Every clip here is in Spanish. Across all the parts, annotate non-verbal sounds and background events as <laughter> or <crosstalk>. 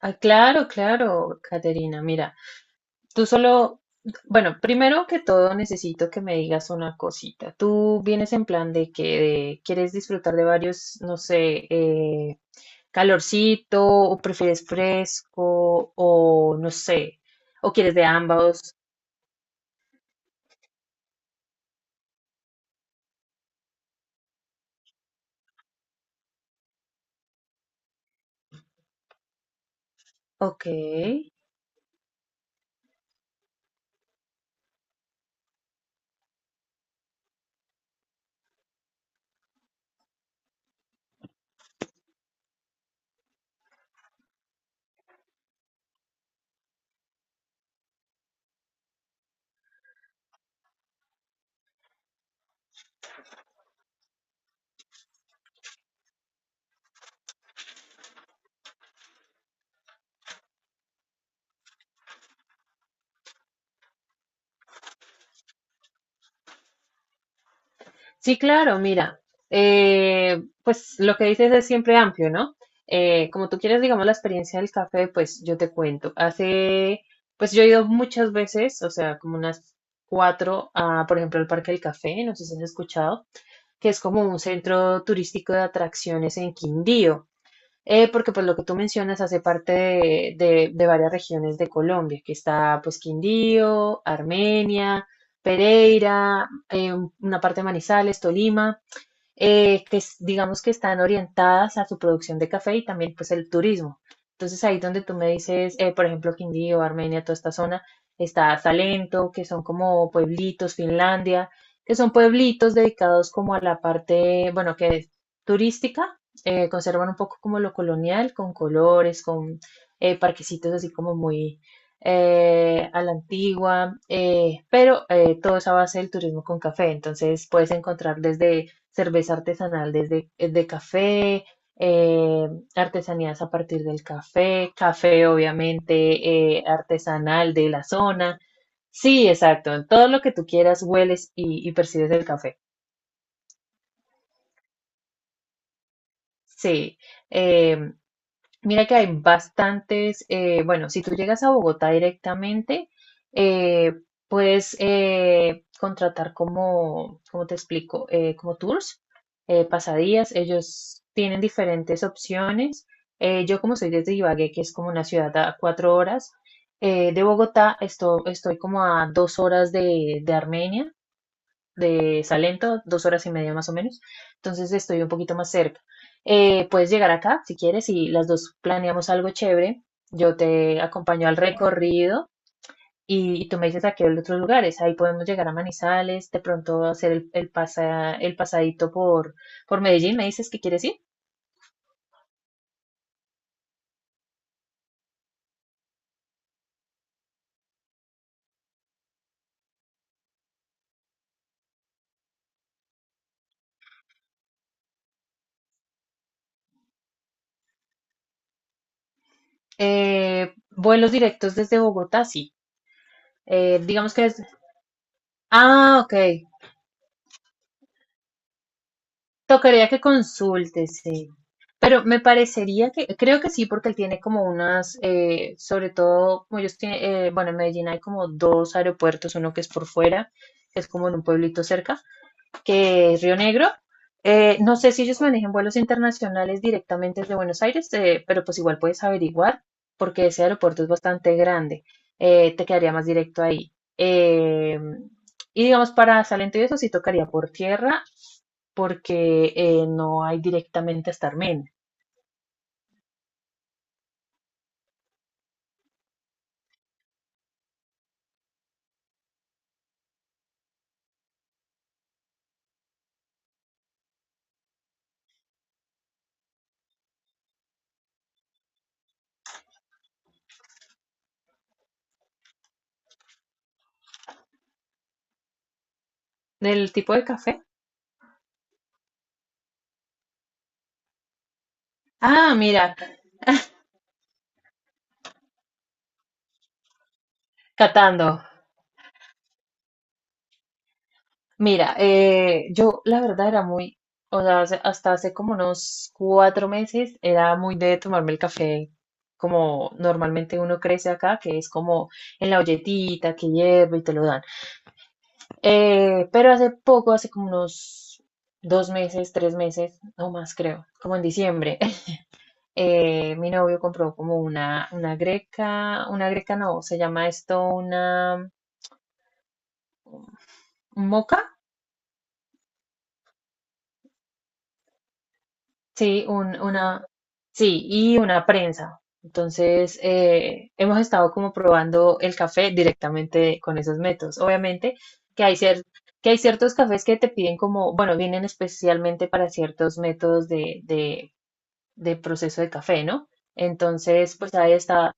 Ah, claro, claro, Caterina. Mira, tú solo, bueno, primero que todo necesito que me digas una cosita. Tú vienes en plan de que quieres disfrutar de varios, no sé, calorcito, o prefieres fresco, o no sé, o quieres de ambos. Ok. Sí, claro, mira, pues lo que dices es siempre amplio, ¿no? Como tú quieres, digamos, la experiencia del café, pues yo te cuento. Pues yo he ido muchas veces, o sea, como unas cuatro, a, por ejemplo, al Parque del Café, no sé si has escuchado, que es como un centro turístico de atracciones en Quindío. Porque pues lo que tú mencionas hace parte de varias regiones de Colombia, que está pues Quindío, Armenia, Pereira, una parte de Manizales, Tolima digamos que están orientadas a su producción de café y también pues el turismo. Entonces ahí donde tú me dices, por ejemplo, Quindío, Armenia, toda esta zona, está Salento, que son como pueblitos, Finlandia, que son pueblitos dedicados como a la parte, bueno, que es turística, conservan un poco como lo colonial, con colores, con parquecitos así como muy a la antigua, pero todo es a base del turismo con café. Entonces puedes encontrar desde cerveza artesanal desde de café, eh, artesanías a partir del café, café obviamente artesanal de la zona. Sí, exacto, en todo lo que tú quieras hueles y percibes el café. Sí, eh, mira que hay bastantes, bueno, si tú llegas a Bogotá directamente, eh, puedes contratar como, ¿cómo te explico? Como tours, pasadías, ellos tienen diferentes opciones. Yo como soy desde Ibagué, que es como una ciudad a 4 horas de Bogotá, estoy como a 2 horas de Armenia de Salento, 2 horas y media más o menos. Entonces estoy un poquito más cerca. Puedes llegar acá si quieres y las dos planeamos algo chévere. Yo te acompaño al recorrido y tú me dices a qué otros lugares. Ahí podemos llegar a Manizales, de pronto hacer el pasadito por Medellín. ¿Me dices que quieres ir? Vuelos directos desde Bogotá, sí. Digamos que es... Ah, ok. Tocaría que consulte, sí. Pero me parecería que, creo que sí, porque él tiene como unas, sobre todo, como ellos tienen, bueno, en Medellín hay como dos aeropuertos, uno que es por fuera, que es como en un pueblito cerca, que es Río Negro. No sé si ellos manejan vuelos internacionales directamente desde Buenos Aires, pero pues igual puedes averiguar, porque ese aeropuerto es bastante grande. Te quedaría más directo ahí. Y digamos, para Salento y eso sí tocaría por tierra porque no hay directamente hasta ¿Del tipo de café? Ah, mira, catando. Mira, yo la verdad era muy, o sea, hasta hace como unos 4 meses era muy de tomarme el café como normalmente uno crece acá, que es como en la olletita que hierve y te lo dan. Pero hace poco, hace como unos 2 meses, 3 meses, no más creo, como en diciembre. Mi novio compró como una greca no, se llama esto una ¿un moca, sí, una, sí, y una prensa. Entonces, hemos estado como probando el café directamente con esos métodos. Obviamente que hay cier- que hay ciertos cafés que te piden como, bueno, vienen especialmente para ciertos métodos de proceso de café, ¿no? Entonces, pues ahí está,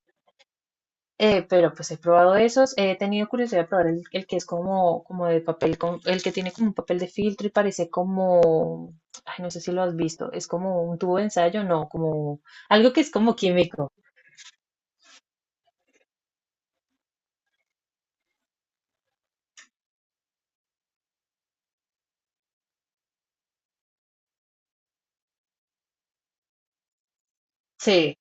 Pero pues he probado esos, he tenido curiosidad de probar el que es como, como de papel, el que tiene como un papel de filtro y parece como, ay, no sé si lo has visto, es como un tubo de ensayo, no, como algo que es como químico. Sí,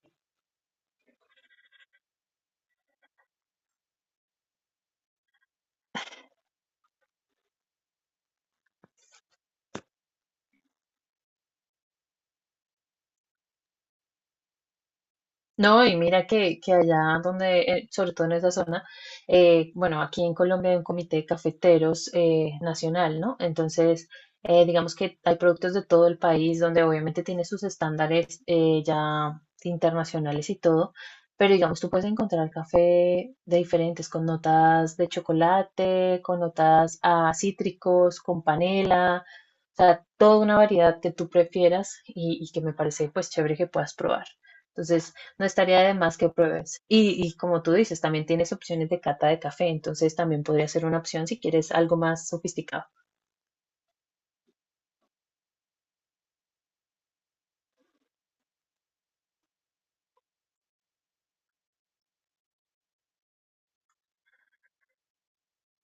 no, y mira que allá donde, sobre todo en esa zona, bueno, aquí en Colombia hay un comité de cafeteros nacional, ¿no? Entonces, digamos que hay productos de todo el país donde obviamente tiene sus estándares ya internacionales y todo, pero digamos, tú puedes encontrar café de diferentes, con notas de chocolate, con notas a cítricos, con panela, o sea, toda una variedad que tú prefieras y que me parece pues chévere que puedas probar. Entonces, no estaría de más que pruebes. Y como tú dices, también tienes opciones de cata de café, entonces también podría ser una opción si quieres algo más sofisticado.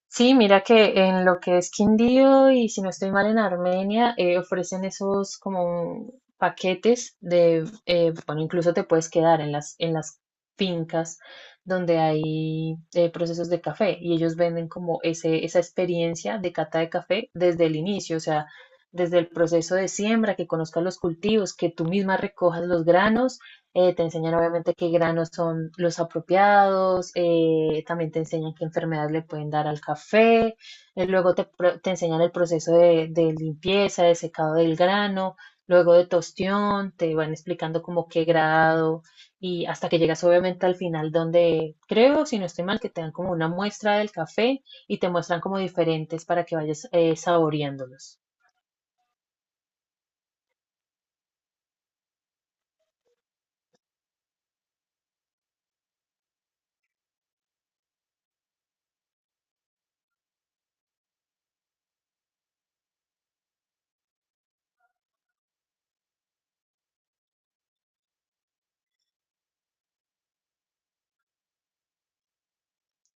Sí, mira que en lo que es Quindío y si no estoy mal en Armenia, ofrecen esos como paquetes de, bueno, incluso te puedes quedar en las fincas donde hay procesos de café y ellos venden como esa experiencia de cata de café desde el inicio, o sea, desde el proceso de siembra, que conozcas los cultivos, que tú misma recojas los granos te enseñan obviamente qué granos son los apropiados, también te enseñan qué enfermedades le pueden dar al café, luego te enseñan el proceso de limpieza, de secado del grano, luego de tostión, te van explicando como qué grado y hasta que llegas obviamente al final donde creo, si no estoy mal, que te dan como una muestra del café y te muestran como diferentes para que vayas saboreándolos.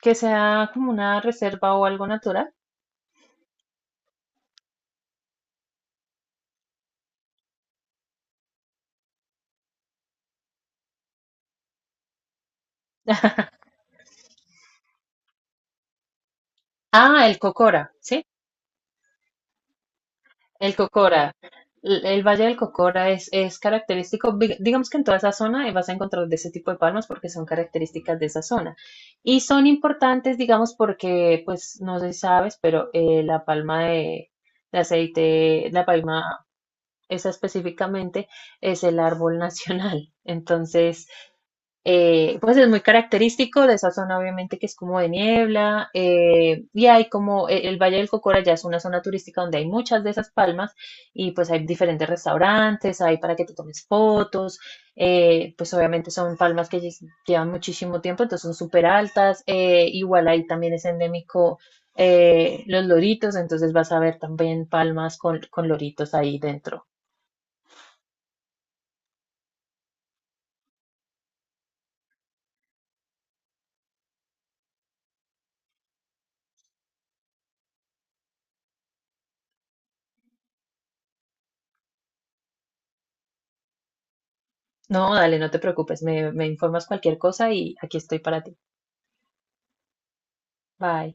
Que sea como una reserva o algo natural. <laughs> Ah, el Cocora, ¿sí? El Cocora. El Valle del Cocora es característico, digamos que en toda esa zona vas a encontrar de ese tipo de palmas porque son características de esa zona. Y son importantes, digamos, porque, pues, no sé si sabes, pero la palma de aceite, la palma esa específicamente, es el árbol nacional. <laughs> Entonces, pues es muy característico de esa zona, obviamente, que es como de niebla, y hay como el Valle del Cocora ya es una zona turística donde hay muchas de esas palmas, y pues hay diferentes restaurantes, hay para que te tomes fotos, pues obviamente son palmas que llevan muchísimo tiempo, entonces son súper altas, igual ahí también es endémico los loritos, entonces vas a ver también palmas con loritos ahí dentro. No, dale, no te preocupes, me informas cualquier cosa y aquí estoy para ti. Bye.